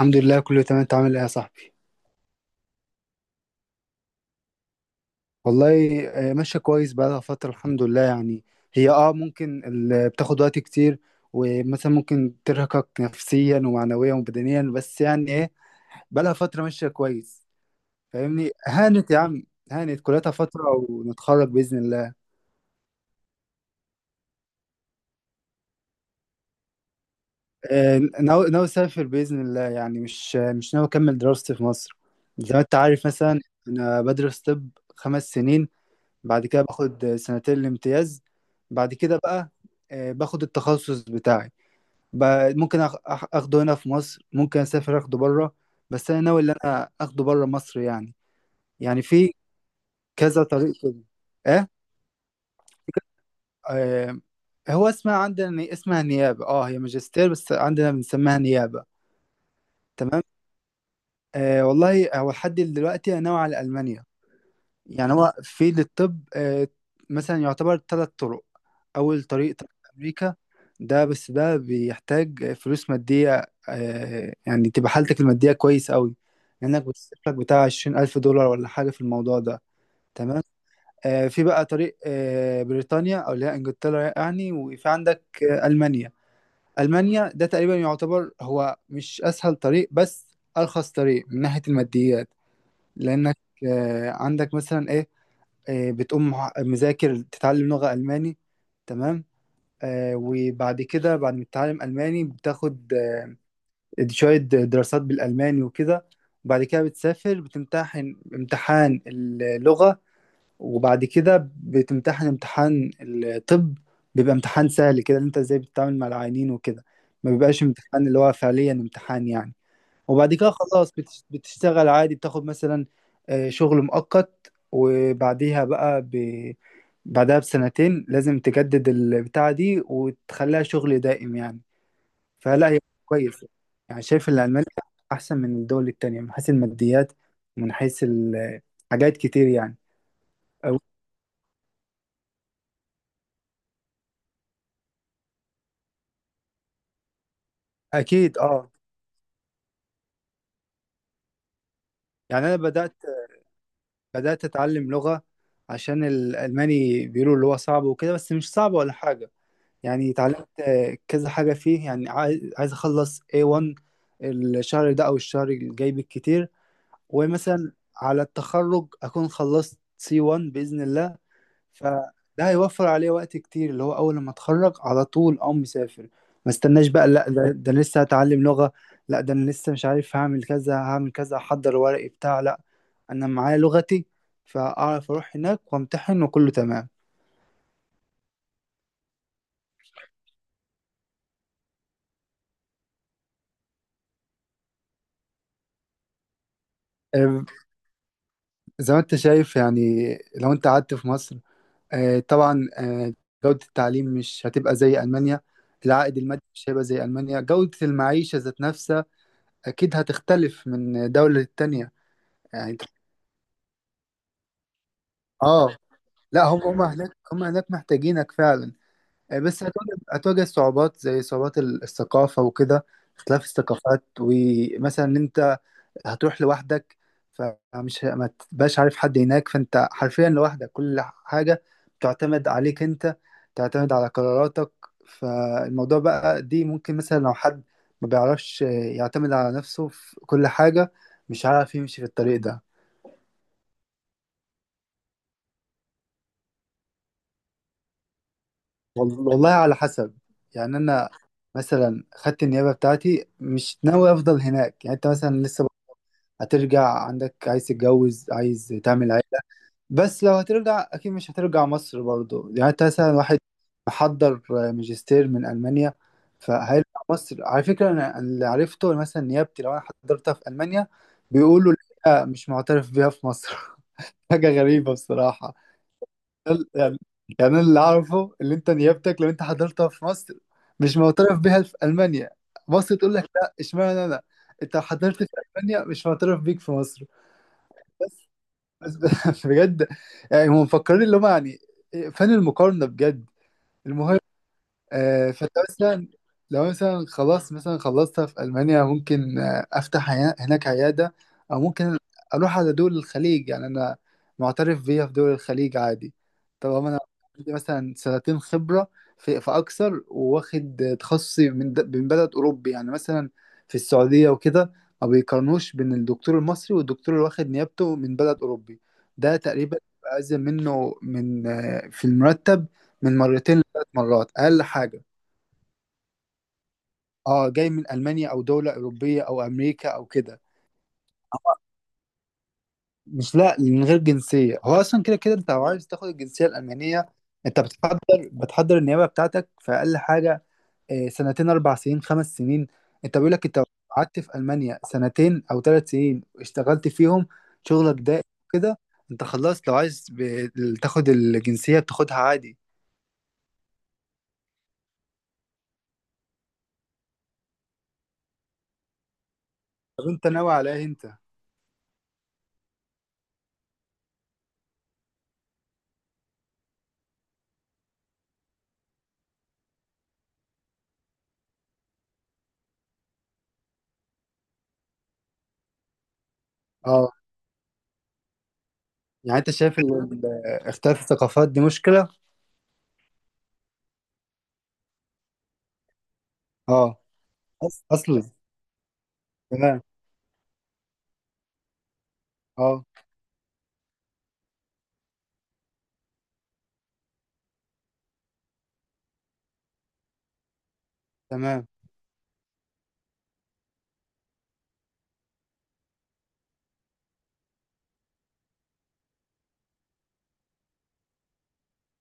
الحمد لله، كله تمام. انت عامل ايه يا صاحبي؟ والله ماشيه كويس، بقالها فتره، الحمد لله يعني. هي ممكن بتاخد وقت كتير، ومثلا ممكن ترهقك نفسيا ومعنويا وبدنيا، بس يعني ايه، بقالها فتره ماشيه كويس. فاهمني، هانت يا عم، هانت كلها فتره، ونتخرج باذن الله. ناوي اسافر باذن الله، يعني مش ناوي اكمل دراستي في مصر، زي ما انت عارف مثلا. انا بدرس طب، 5 سنين. بعد كده باخد سنتين الامتياز. بعد كده بقى باخد التخصص بتاعي. ممكن اخده هنا في مصر، ممكن اسافر اخده بره، بس انا ناوي ان انا اخده بره مصر يعني. يعني في كذا طريق كده، ايه. آه، هو اسمها عندنا، اسمها نيابة. اه هي ماجستير، بس عندنا بنسميها نيابة. تمام. والله، هو لحد دلوقتي انا ناوي على المانيا. يعني هو في للطب مثلا يعتبر 3 طرق. أول طريق، طريق أمريكا. ده بس ده بيحتاج فلوس مادية، يعني تبقى حالتك المادية كويس قوي، لأنك بتصرف لك بتاع 20,000 دولار ولا حاجة في الموضوع ده. تمام. في بقى طريق بريطانيا، أو اللي هي إنجلترا يعني، وفي عندك ألمانيا. ألمانيا ده تقريبا يعتبر هو مش أسهل طريق، بس أرخص طريق من ناحية الماديات. لأنك عندك مثلا إيه، بتقوم مذاكر تتعلم لغة ألماني. تمام. وبعد كده، بعد ما تتعلم ألماني، بتاخد شوية دراسات بالألماني وكده، وبعد كده بتسافر، بتمتحن امتحان اللغة، وبعد كده بتمتحن امتحان الطب. بيبقى امتحان سهل كده، إن انت ازاي بتتعامل مع العيانين وكده، ما بيبقاش امتحان اللي هو فعليا امتحان يعني. وبعد كده خلاص بتشتغل عادي، بتاخد مثلا شغل مؤقت، وبعديها بقى. بعدها بسنتين لازم تجدد البتاعة دي وتخليها شغل دائم يعني. فلا هي كويس. يعني شايف إن ألمانيا أحسن من الدول التانية، من حيث الماديات، من حيث حاجات كتير يعني. أو- أكيد أه. يعني أنا بدأت، أتعلم لغة. عشان الألماني بيقولوا اللي هو صعب وكده، بس مش صعب ولا حاجة يعني. اتعلمت كذا حاجة فيه يعني. عايز أخلص A1 الشهر ده أو الشهر الجاي بالكتير. ومثلا على التخرج أكون خلصت C1 بإذن الله. فده هيوفر عليه وقت كتير، اللي هو أول لما أتخرج على طول أقوم مسافر، ما استناش بقى. لا ده أنا لسه هتعلم لغة، لا ده أنا لسه مش عارف هعمل كذا هعمل كذا أحضر ورقي بتاع. لا، أنا معايا لغتي، فأعرف أروح هناك وأمتحن وكله تمام. آه، زي ما أنت شايف يعني. لو أنت قعدت في مصر، طبعا، جودة التعليم مش هتبقى زي ألمانيا، العائد المادي مش هيبقى زي ألمانيا، جودة المعيشة ذات نفسها أكيد هتختلف من دولة للتانية. يعني أنت- آه، لا هم هناك، هم هناك محتاجينك فعلا. بس هتواجه صعوبات، زي صعوبات الثقافة وكده، اختلاف الثقافات، ومثلا إن أنت هتروح لوحدك. فمش ما تبقاش عارف حد هناك، فانت حرفيا لوحدك، كل حاجة بتعتمد عليك انت، تعتمد على قراراتك. فالموضوع بقى دي ممكن مثلا لو حد ما بيعرفش يعتمد على نفسه في كل حاجة، مش عارف يمشي في الطريق ده. والله على حسب يعني. انا مثلا خدت النيابة بتاعتي، مش ناوي افضل هناك. يعني انت مثلا لسه هترجع، عندك عايز تتجوز، عايز تعمل عيلة. بس لو هترجع اكيد مش هترجع مصر برضو، يعني انت مثلا واحد محضر ماجستير من المانيا، فهيرجع مصر. على فكره، انا اللي عرفته، مثلا نيابتي لو انا حضرتها في المانيا، بيقولوا لا مش معترف بيها في مصر. حاجه غريبه بصراحه. يعني، يعني أنا اللي اعرفه، اللي انت نيابتك لو انت حضرتها في مصر مش معترف بيها في المانيا. مصر تقول لك لا، اشمعنى انا انت حضرت في المانيا مش معترف بيك في مصر؟ بس بجد. يعني هم مفكرين اللي هم يعني إيه، فين المقارنة بجد؟ فلو مثلا، لو مثلا خلاص مثلا خلصتها في ألمانيا، ممكن أفتح هناك عيادة، أو ممكن أروح على دول الخليج. يعني أنا معترف بيها في دول الخليج عادي، طالما أنا عندي مثلا سنتين خبرة في أكثر، وواخد تخصصي من بلد أوروبي، يعني مثلا في السعودية وكده، ما بيقارنوش بين الدكتور المصري والدكتور اللي واخد نيابته من بلد أوروبي. ده تقريبا بأزيد منه من في المرتب، من مرتين لثلاث مرات، اقل حاجه. اه، جاي من المانيا او دوله اوروبيه او امريكا او كده. مش، لا، من غير جنسيه. هو اصلا كده كده انت لو عايز تاخد الجنسيه الالمانيه، انت بتحضر، النيابه بتاعتك في اقل حاجه سنتين، 4 سنين، 5 سنين. انت بيقول لك انت لو قعدت في المانيا سنتين او 3 سنين اشتغلت فيهم شغلك ده كده، انت خلصت. لو عايز تاخد الجنسيه بتاخدها عادي. طب انت ناوي على ايه انت؟ اه، يعني انت شايف ان اختلاف الثقافات دي مشكله؟ اه. اصلا. تمام. اه. تمام.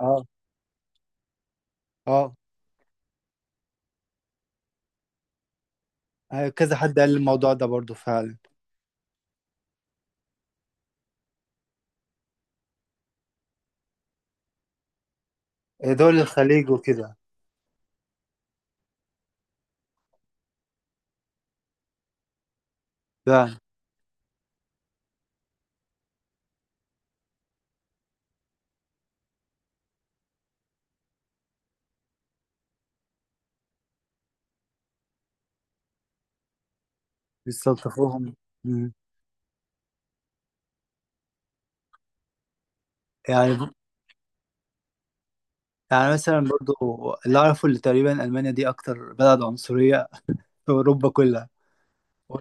اه. اه. كذا حد قال لي الموضوع ده برضو فعلا. دول الخليج وكده. فعلا. بيستلطفوهم. مم. يعني. يعني مثلا برضو، اللي اعرفه اللي تقريبا المانيا دي اكتر بلد عنصريه في اوروبا كلها. و-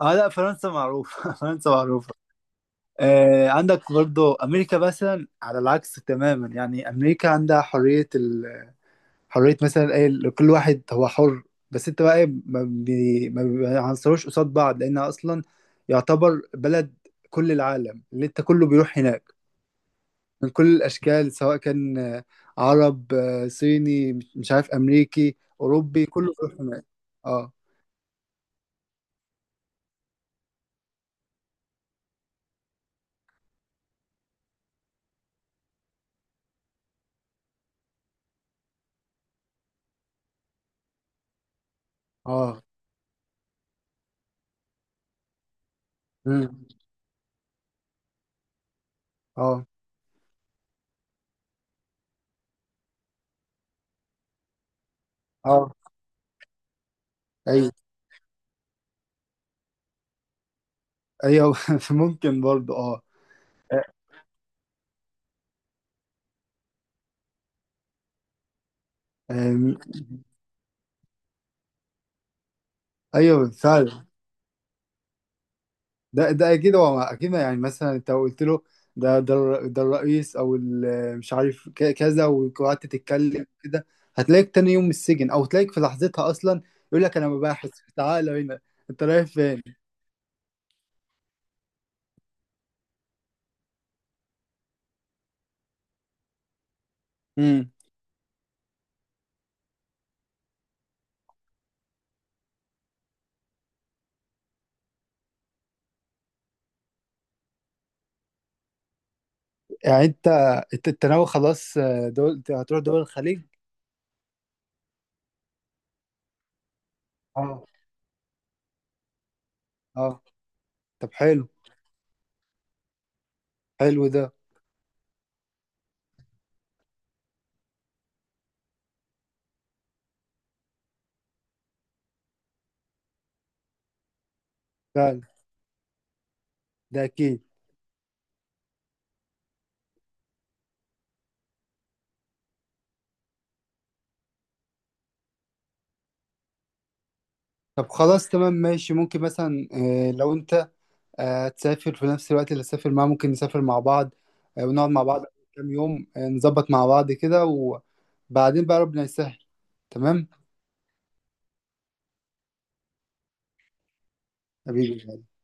اه، لا فرنسا معروفه. فرنسا معروفه. عندك برضو امريكا مثلا على العكس تماما. يعني امريكا عندها حريه، حريه مثلا ايه، كل واحد هو حر. بس انت بقى ايه، ما بيعنصروش قصاد بعض، لانها اصلا يعتبر بلد كل العالم اللي انت كله بيروح هناك، من كل الاشكال، سواء كان عرب، صيني، مش عارف، امريكي، اوروبي، كله بيروح هناك. اه. اه. مم. اه. اه. ايوه. ايوه. ممكن برضو اه. أم، ايوه بالفعل. ده اكيد، هو اكيد. يعني مثلا انت لو قلت له ده ده الرئيس او مش عارف كذا، وقعدت تتكلم كده، هتلاقيك تاني يوم السجن، او تلاقيك في لحظتها اصلا يقول لك انا مباحث، تعالى هنا، انت رايح فين؟ امم يعني انت، انت ناوي خلاص دول، هتروح دول الخليج؟ اه. اه. طب حلو. حلو ده. فعلا. ده اكيد. طب خلاص تمام ماشي. ممكن مثلا لو انت تسافر في نفس الوقت اللي تسافر معاه، ممكن نسافر مع بعض، ونقعد مع بعض كام يوم، نظبط مع بعض كده، وبعدين بقى ربنا يسهل. تمام. حبيبي.